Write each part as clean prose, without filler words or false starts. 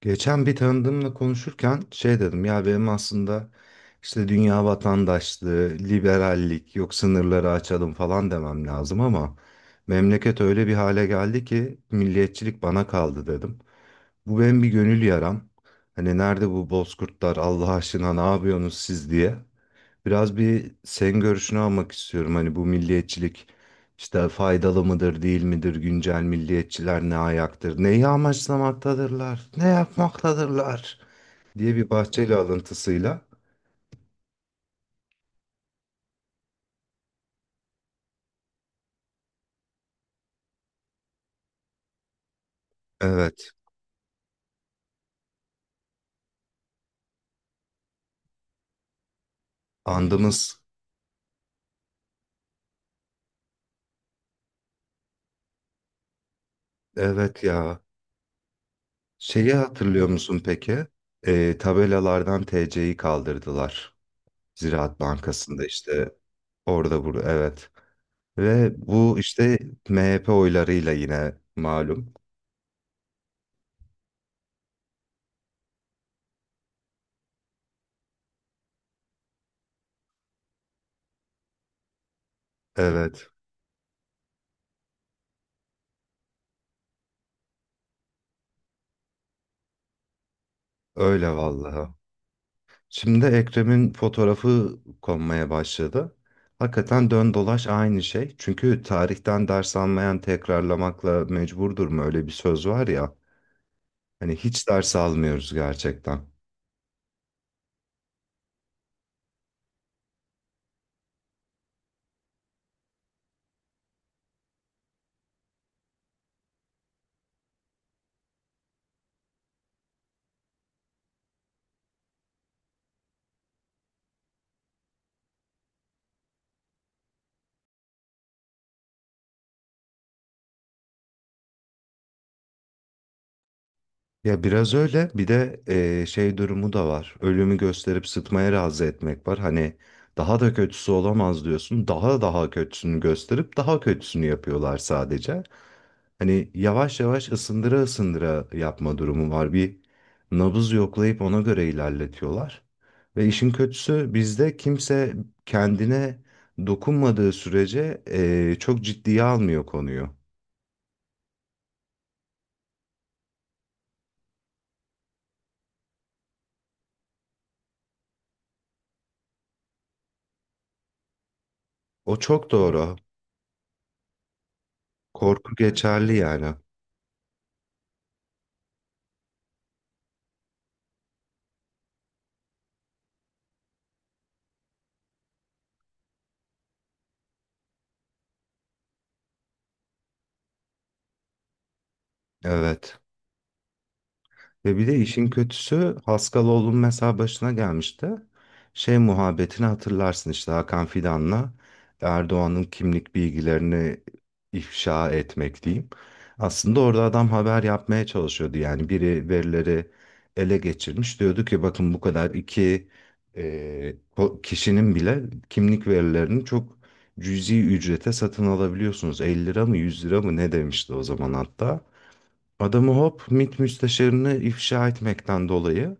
Geçen bir tanıdığımla konuşurken şey dedim ya, benim aslında işte dünya vatandaşlığı, liberallik, yok sınırları açalım falan demem lazım ama memleket öyle bir hale geldi ki milliyetçilik bana kaldı dedim. Bu benim bir gönül yaram. Hani nerede bu bozkurtlar Allah aşkına ne yapıyorsunuz siz diye. Biraz bir senin görüşünü almak istiyorum, hani bu milliyetçilik işte faydalı mıdır, değil midir, güncel milliyetçiler ne ayaktır, neyi amaçlamaktadırlar, ne yapmaktadırlar diye bir Bahçeli alıntısıyla. Evet, andımız, evet ya. Şeyi hatırlıyor musun peki? Tabelalardan TC'yi kaldırdılar. Ziraat Bankası'nda işte orada burada, evet. Ve bu işte MHP oylarıyla yine malum. Evet, öyle vallahi. Şimdi Ekrem'in fotoğrafı konmaya başladı. Hakikaten dön dolaş aynı şey. Çünkü tarihten ders almayan tekrarlamakla mecburdur mu öyle bir söz var ya. Hani hiç ders almıyoruz gerçekten. Ya biraz öyle bir de şey durumu da var. Ölümü gösterip sıtmaya razı etmek var. Hani daha da kötüsü olamaz diyorsun. Daha daha kötüsünü gösterip daha kötüsünü yapıyorlar sadece. Hani yavaş yavaş ısındıra ısındıra yapma durumu var. Bir nabız yoklayıp ona göre ilerletiyorlar. Ve işin kötüsü bizde kimse kendine dokunmadığı sürece çok ciddiye almıyor konuyu. O çok, evet, doğru. Korku, evet, geçerli yani. Evet. Ve bir de işin kötüsü Haskaloğlu'nun mesela başına gelmişti. Şey muhabbetini hatırlarsın işte, Hakan Fidan'la Erdoğan'ın kimlik bilgilerini ifşa etmek diyeyim. Aslında orada adam haber yapmaya çalışıyordu. Yani biri verileri ele geçirmiş. Diyordu ki bakın, bu kadar iki e, kişinin bile kimlik verilerini çok cüzi ücrete satın alabiliyorsunuz. 50 lira mı 100 lira mı ne demişti o zaman hatta. Adamı hop MİT müsteşarını ifşa etmekten dolayı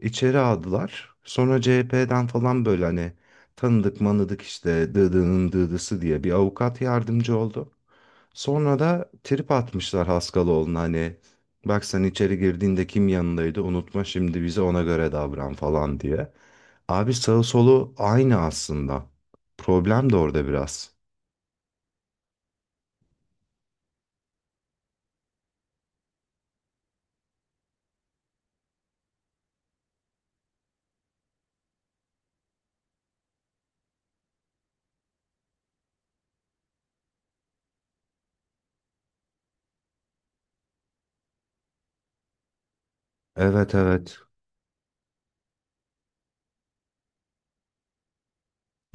içeri aldılar. Sonra CHP'den falan, böyle hani tanıdık manıdık işte dıdının dıdısı diye bir avukat yardımcı oldu. Sonra da trip atmışlar Haskaloğlu'na, hani bak sen içeri girdiğinde kim yanındaydı unutma, şimdi bize ona göre davran falan diye. Abi sağı solu aynı aslında. Problem de orada biraz. Evet, evet.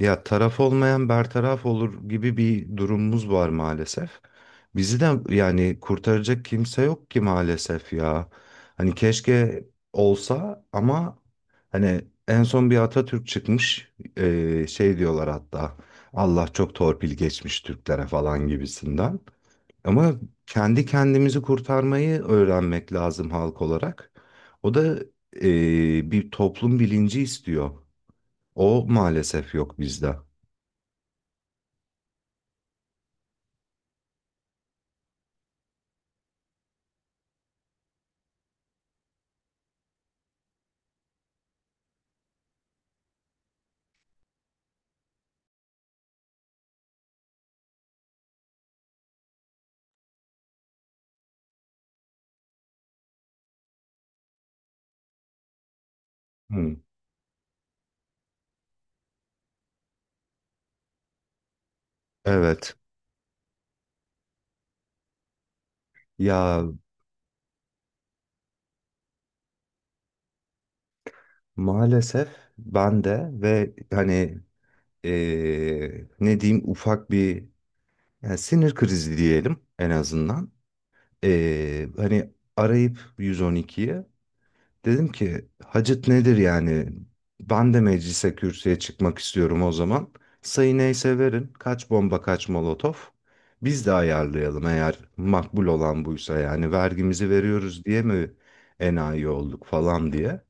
Ya taraf olmayan bertaraf olur gibi bir durumumuz var maalesef. Bizi de yani kurtaracak kimse yok ki maalesef ya. Hani keşke olsa ama, hani en son bir Atatürk çıkmış, şey diyorlar hatta, Allah çok torpil geçmiş Türklere falan gibisinden. Ama kendi kendimizi kurtarmayı öğrenmek lazım halk olarak. O da bir toplum bilinci istiyor. O maalesef yok bizde. Hmm. Evet. Ya maalesef ben de, ve hani ne diyeyim, ufak bir, yani sinir krizi diyelim en azından. Hani arayıp 112'yi, dedim ki Hacet nedir yani? Ben de meclise kürsüye çıkmak istiyorum o zaman. Sayı neyse verin. Kaç bomba kaç molotof. Biz de ayarlayalım, eğer makbul olan buysa yani vergimizi veriyoruz diye mi enayi olduk falan diye.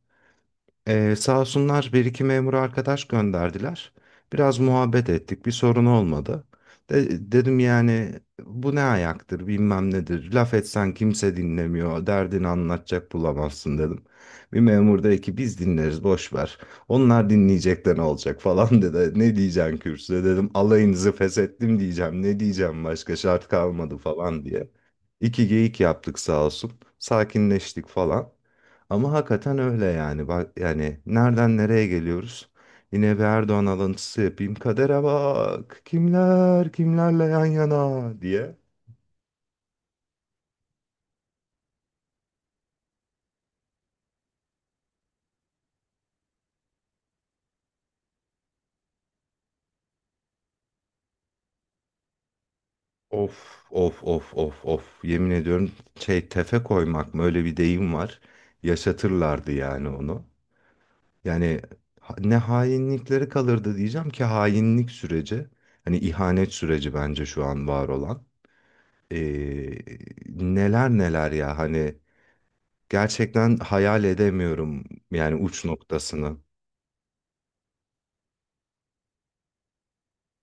Sağ olsunlar, bir iki memur arkadaş gönderdiler. Biraz muhabbet ettik. Bir sorun olmadı. Dedim yani, bu ne ayaktır bilmem nedir. Laf etsen kimse dinlemiyor. Derdini anlatacak bulamazsın dedim. Bir memur dedi ki biz dinleriz boş ver. Onlar dinleyecek de ne olacak falan dedi. Ne diyeceksin kürsüde dedim. Alayınızı feshettim diyeceğim. Ne diyeceğim başka şart kalmadı falan diye. İki geyik yaptık sağ olsun. Sakinleştik falan. Ama hakikaten öyle yani. Bak yani nereden nereye geliyoruz? Yine bir Erdoğan alıntısı yapayım. Kadere bak. Kimler kimlerle yan yana diye. Of of of of of. Yemin ediyorum, şey tefe koymak mı, öyle bir deyim var. Yaşatırlardı yani onu. Yani ne hainlikleri kalırdı diyeceğim ki, hainlik süreci. Hani ihanet süreci bence şu an var olan. Ee, neler neler ya hani. Gerçekten hayal edemiyorum yani uç noktasını.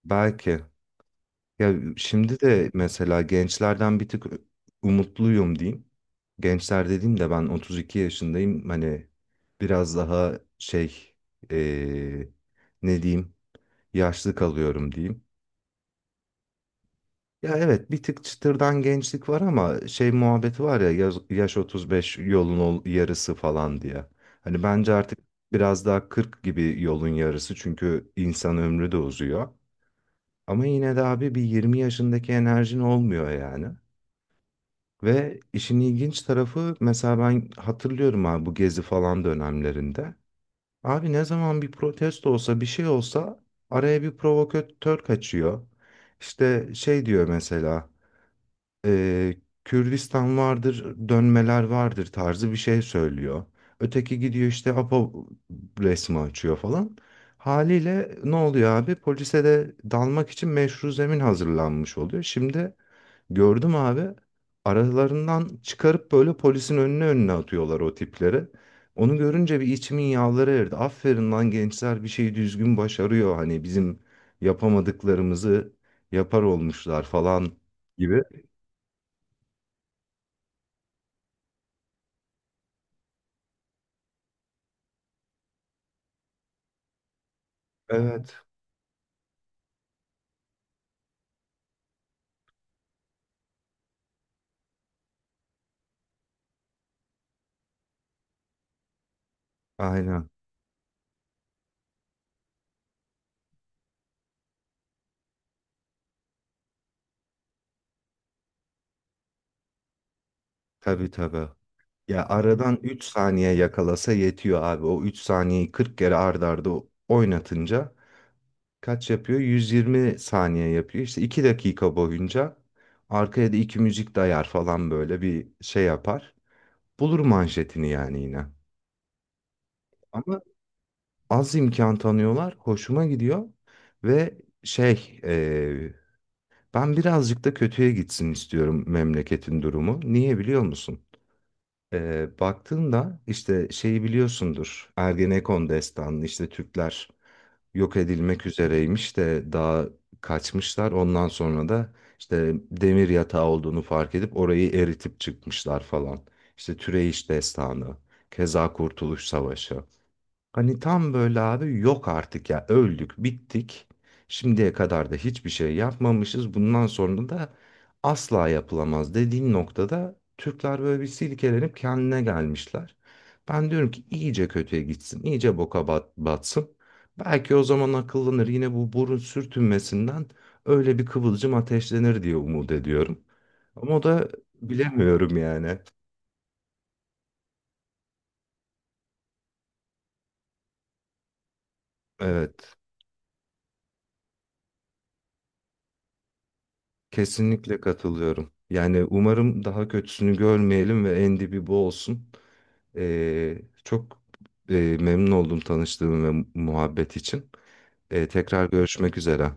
Belki ya, şimdi de mesela gençlerden bir tık umutluyum diyeyim. Gençler dediğim de, ben 32 yaşındayım. Hani biraz daha şey, eee, ne diyeyim, yaşlı kalıyorum diyeyim. Ya evet, bir tık çıtırdan gençlik var ama şey muhabbeti var ya, yaş 35 yolun yarısı falan diye. Hani bence artık biraz daha 40 gibi yolun yarısı, çünkü insan ömrü de uzuyor. Ama yine de abi bir 20 yaşındaki enerjin olmuyor yani. Ve işin ilginç tarafı, mesela ben hatırlıyorum abi, bu gezi falan dönemlerinde. Abi ne zaman bir protesto olsa bir şey olsa araya bir provokatör kaçıyor. İşte şey diyor mesela, e, Kürdistan vardır, dönmeler vardır tarzı bir şey söylüyor. Öteki gidiyor işte APO resmi açıyor falan. Haliyle ne oluyor abi? Polise de dalmak için meşru zemin hazırlanmış oluyor. Şimdi gördüm abi, aralarından çıkarıp böyle polisin önüne önüne atıyorlar o tipleri. Onu görünce bir içimin yağları erdi. Aferin lan gençler, bir şeyi düzgün başarıyor. Hani bizim yapamadıklarımızı yapar olmuşlar falan gibi. Evet. Aynen. Tabii tabii. Ya aradan 3 saniye yakalasa yetiyor abi. O 3 saniyeyi 40 kere ard arda oynatınca kaç yapıyor? 120 saniye yapıyor. İşte 2 dakika boyunca arkaya da 2 müzik dayar falan, böyle bir şey yapar. Bulur manşetini yani yine. Ama az imkan tanıyorlar. Hoşuma gidiyor. Ve şey, ben birazcık da kötüye gitsin istiyorum memleketin durumu. Niye biliyor musun? Baktığında işte şeyi biliyorsundur. Ergenekon destanı işte Türkler yok edilmek üzereymiş de daha kaçmışlar. Ondan sonra da işte demir yatağı olduğunu fark edip orayı eritip çıkmışlar falan. İşte Türeyiş destanı, keza Kurtuluş Savaşı. Hani tam böyle abi, yok artık ya öldük bittik. Şimdiye kadar da hiçbir şey yapmamışız. Bundan sonra da asla yapılamaz dediğin noktada Türkler böyle bir silkelenip kendine gelmişler. Ben diyorum ki iyice kötüye gitsin, iyice boka batsın. Belki o zaman akıllanır yine, bu burun sürtünmesinden öyle bir kıvılcım ateşlenir diye umut ediyorum. Ama o da bilemiyorum yani. Evet. Kesinlikle katılıyorum. Yani umarım daha kötüsünü görmeyelim ve en dibi bu olsun. Çok memnun oldum tanıştığım ve muhabbet için. Tekrar görüşmek üzere.